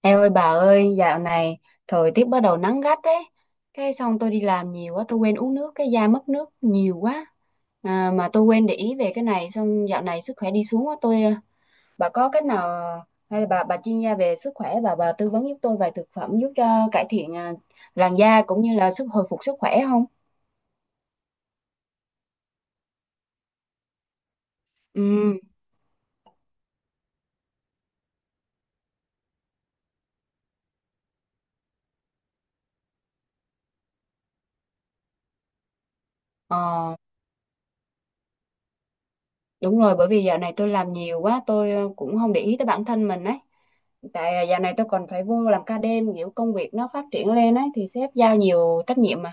Em ơi bà ơi, dạo này thời tiết bắt đầu nắng gắt đấy. Cái xong tôi đi làm nhiều quá, tôi quên uống nước, cái da mất nước nhiều quá. À, mà tôi quên để ý về cái này, xong dạo này sức khỏe đi xuống quá. Bà có cách nào, hay là bà chuyên gia về sức khỏe, bà tư vấn giúp tôi vài thực phẩm giúp cho cải thiện làn da cũng như là sức hồi phục sức khỏe không? Ừ. Ờ. Đúng rồi, bởi vì dạo này tôi làm nhiều quá, tôi cũng không để ý tới bản thân mình ấy. Tại dạo này tôi còn phải vô làm ca đêm, kiểu công việc nó phát triển lên ấy, thì sếp giao nhiều trách nhiệm mà.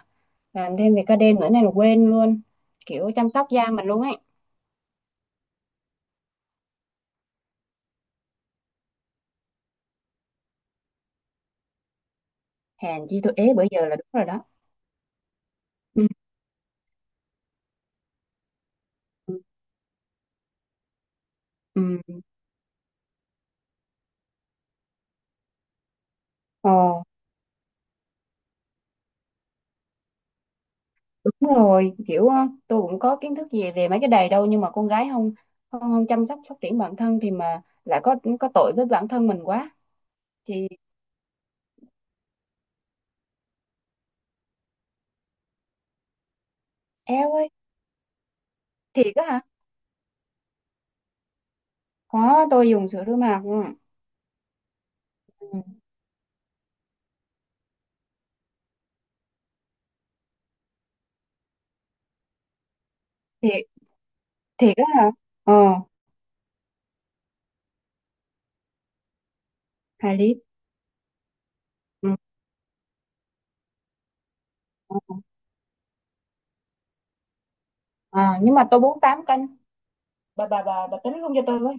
Làm thêm việc ca đêm nữa này là quên luôn, kiểu chăm sóc da mình luôn ấy. Hèn chi tôi ế bữa giờ là đúng rồi đó. Ừ. Ừ. Ồ, đúng rồi, kiểu tôi cũng có kiến thức gì về mấy cái đầy đâu, nhưng mà con gái không không, không chăm sóc phát triển bản thân thì mà lại có tội với bản thân mình quá. Thì eo ơi, thiệt á hả? Có tôi dùng sữa rửa mặt, ừ. Ừ. Thiệt, thiệt á hả? Ờ, hai lít, ừ. À, nhưng mà tôi bốn tám cân, bà tính luôn cho tôi với.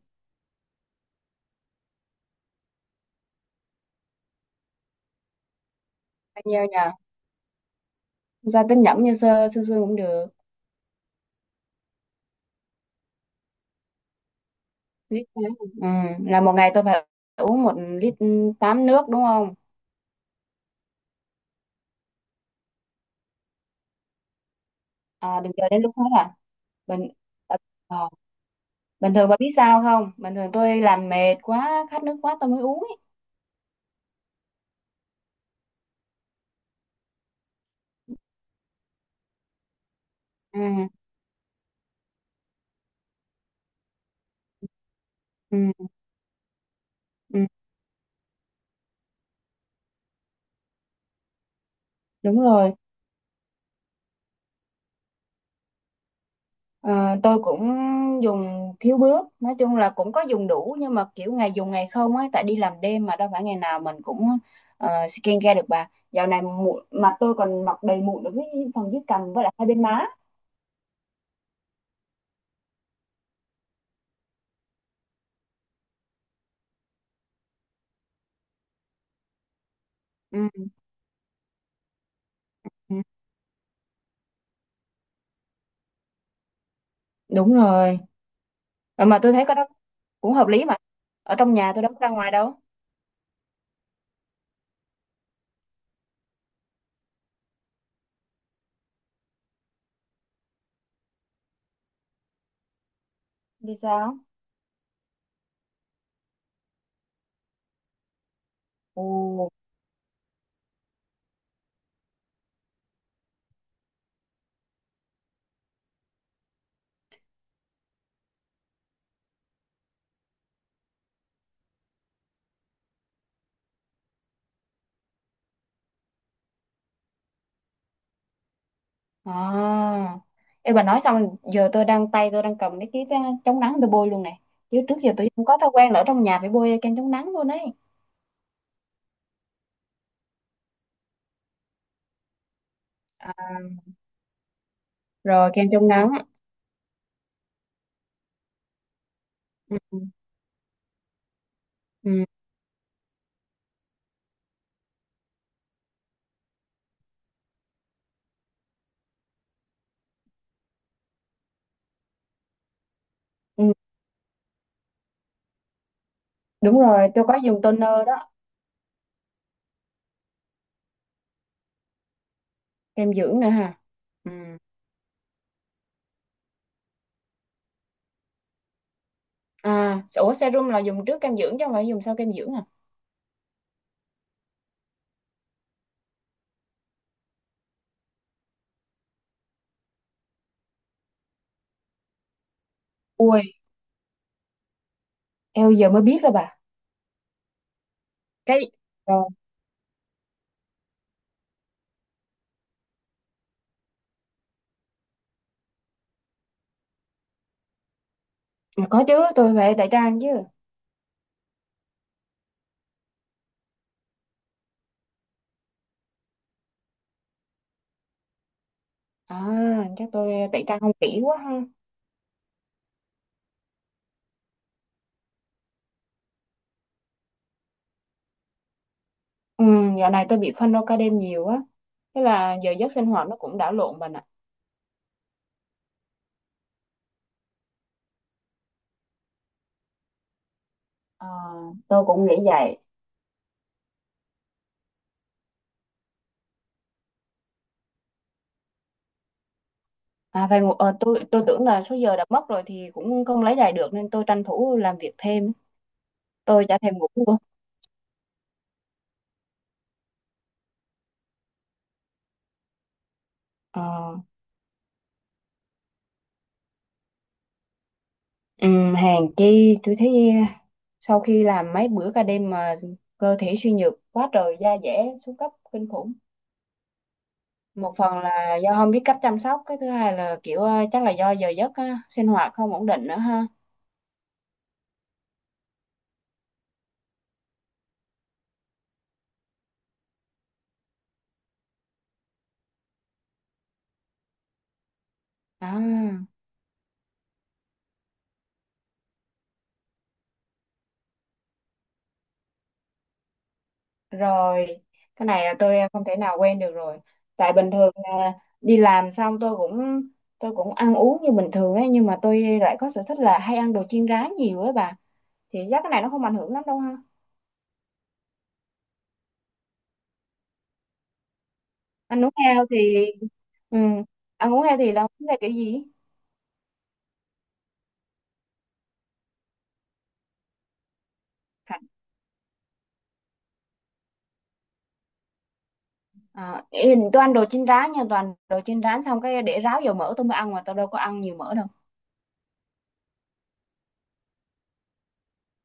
Bao nhiêu nhờ? Không sao, tính nhẩm như sơ sơ sơ cũng được. Lít tám, ừ. Là một ngày tôi phải uống một lít tám nước đúng không? À, đừng chờ đến lúc hết à? Bình, ờ, ờ. Bình thường bà biết sao không, bình thường tôi làm mệt quá khát nước quá tôi mới uống ấy. Ừ. Ừ. Ừ. Đúng rồi. Ờ, tôi cũng dùng thiếu bước, nói chung là cũng có dùng đủ nhưng mà kiểu ngày dùng ngày không ấy, tại đi làm đêm mà đâu phải ngày nào mình cũng skincare được bà. Dạo này mụn mặt tôi còn mọc đầy mụn ở dưới phần dưới cằm với lại hai bên má. Ừ. Ừ, đúng rồi. Ờ, mà tôi thấy cái đó cũng hợp lý mà, ở trong nhà tôi đâu có ra ngoài đâu. Đi sao? Ồ. À. Ê bà, nói xong giờ tôi đang tay tôi đang cầm cái chống nắng tôi bôi luôn này, chứ trước giờ tôi không có thói quen là ở trong nhà phải bôi kem chống nắng luôn ấy. À, rồi kem chống nắng, ừ. Ừ. Ừ. Đúng rồi, tôi có dùng toner đó. Kem dưỡng nữa ha? Ừ. À ủa, serum là dùng trước kem dưỡng chứ không phải dùng sau kem dưỡng à? Ui, eo, giờ mới biết rồi bà. Cái rồi. Mà có chứ, tôi phải tẩy trang chứ. À, chắc tôi tẩy trang không kỹ quá ha. Ừ, dạo này tôi bị phân đo ca đêm nhiều á, thế là giờ giấc sinh hoạt nó cũng đảo lộn bà nè. Ờ, tôi cũng nghĩ vậy. À về ngủ, tôi tưởng là số giờ đã mất rồi thì cũng không lấy lại được nên tôi tranh thủ làm việc thêm á. Tôi chả thèm ngủ luôn. Ờ. Ừm, hèn chi tôi thấy sau khi làm mấy bữa ca đêm mà cơ thể suy nhược quá trời, da dẻ xuống cấp kinh khủng. Một phần là do không biết cách chăm sóc, cái thứ hai là kiểu chắc là do giờ giấc á, sinh hoạt không ổn định nữa ha. À, rồi cái này là tôi không thể nào quen được rồi. Tại bình thường là đi làm xong tôi cũng ăn uống như bình thường ấy, nhưng mà tôi lại có sở thích là hay ăn đồ chiên rán nhiều ấy bà, thì chắc cái này nó không ảnh hưởng lắm đâu ha. Ăn uống heo thì, ừ. Anh uống heo thì là uống theo kiểu gì? Hả? À, ý- tôi ăn đồ chiên rán nha, toàn đồ chiên rán xong cái để ráo dầu mỡ tôi mới ăn, mà tôi đâu có ăn nhiều mỡ đâu.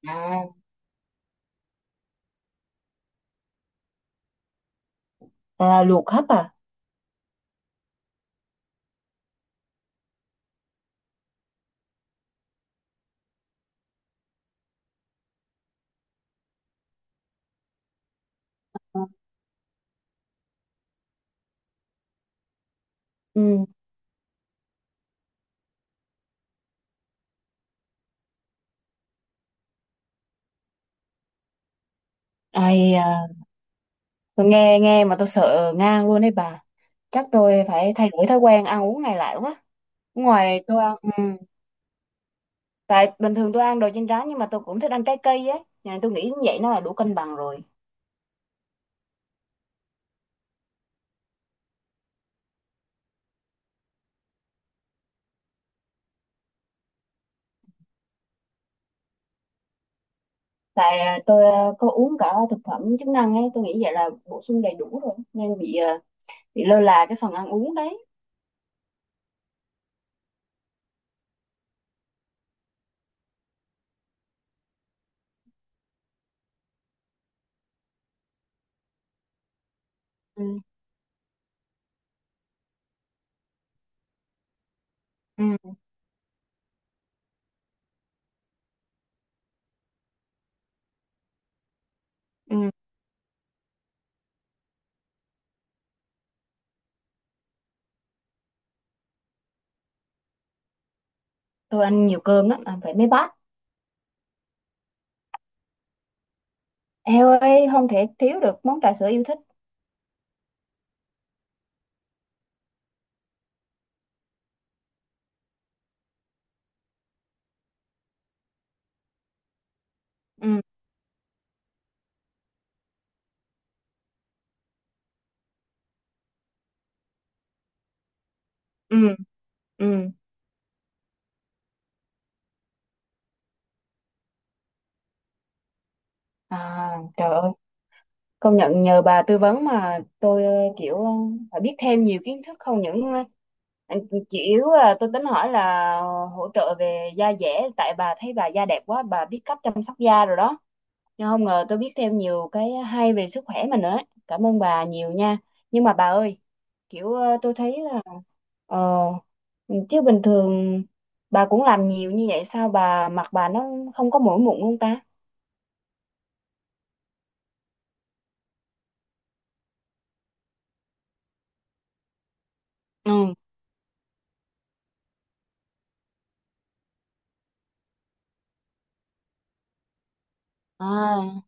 À, à luộc hấp à? Ừ. Ừ. Ai à, tôi nghe nghe mà tôi sợ ngang luôn đấy bà, chắc tôi phải thay đổi thói quen ăn uống này lại quá. Ngoài tôi ăn, ừ. Tại bình thường tôi ăn đồ chiên rán nhưng mà tôi cũng thích ăn trái cây ấy. Nhà tôi nghĩ như vậy nó là đủ cân bằng rồi. Tại tôi có uống cả thực phẩm chức năng ấy, tôi nghĩ vậy là bổ sung đầy đủ rồi nên bị bị lơ là cái phần ăn uống đấy. Ừ. Ừ. Ừ. Tôi ăn nhiều cơm lắm, ăn phải mấy bát. Eo ơi, không thể thiếu được món trà sữa yêu thích. Ừ. Ừ. Ừ. À. Trời ơi, công nhận nhờ bà tư vấn mà tôi kiểu phải biết thêm nhiều kiến thức. Không những anh- chỉ yếu là tôi tính hỏi là hỗ trợ về da dẻ, tại bà thấy bà da đẹp quá, bà biết cách chăm sóc da rồi đó. Nhưng không ngờ tôi biết thêm nhiều cái hay về sức khỏe mình nữa ấy. Cảm ơn bà nhiều nha. Nhưng mà bà ơi, kiểu tôi thấy là ờ chứ bình thường bà cũng làm nhiều như vậy sao bà mặt bà nó không có mỗi mụn luôn ta? Ừ. À,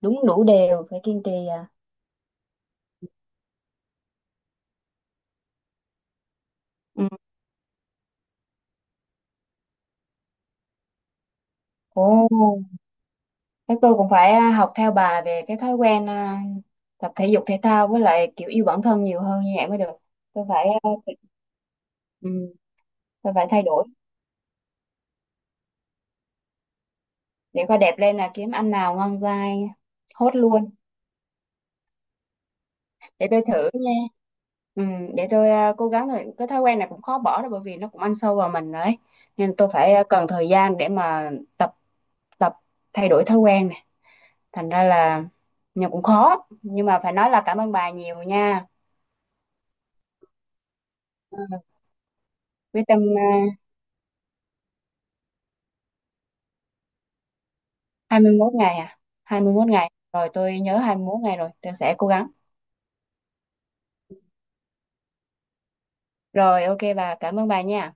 đúng đủ đều phải kiên trì à. Ừ. Ồ, thế tôi cũng phải học theo bà về cái thói quen tập thể dục thể thao, với lại kiểu yêu bản thân nhiều hơn như vậy mới được. Tôi phải ừ, tôi phải thay đổi. Để coi đẹp lên là kiếm ăn nào ngon dai, hốt luôn. Để tôi thử nha. Ừ, để tôi cố gắng, rồi cái thói quen này cũng khó bỏ đâu, bởi vì nó cũng ăn sâu vào mình đấy, nên tôi phải cần thời gian để mà tập, tập thay đổi thói quen này, thành ra là, nhưng cũng khó, nhưng mà phải nói là cảm ơn bà nhiều nha. Ừ, quyết tâm hai mươi 21 ngày à? 21 ngày rồi, tôi nhớ 21 ngày rồi tôi sẽ cố gắng. Rồi ok bà, cảm ơn bà nha.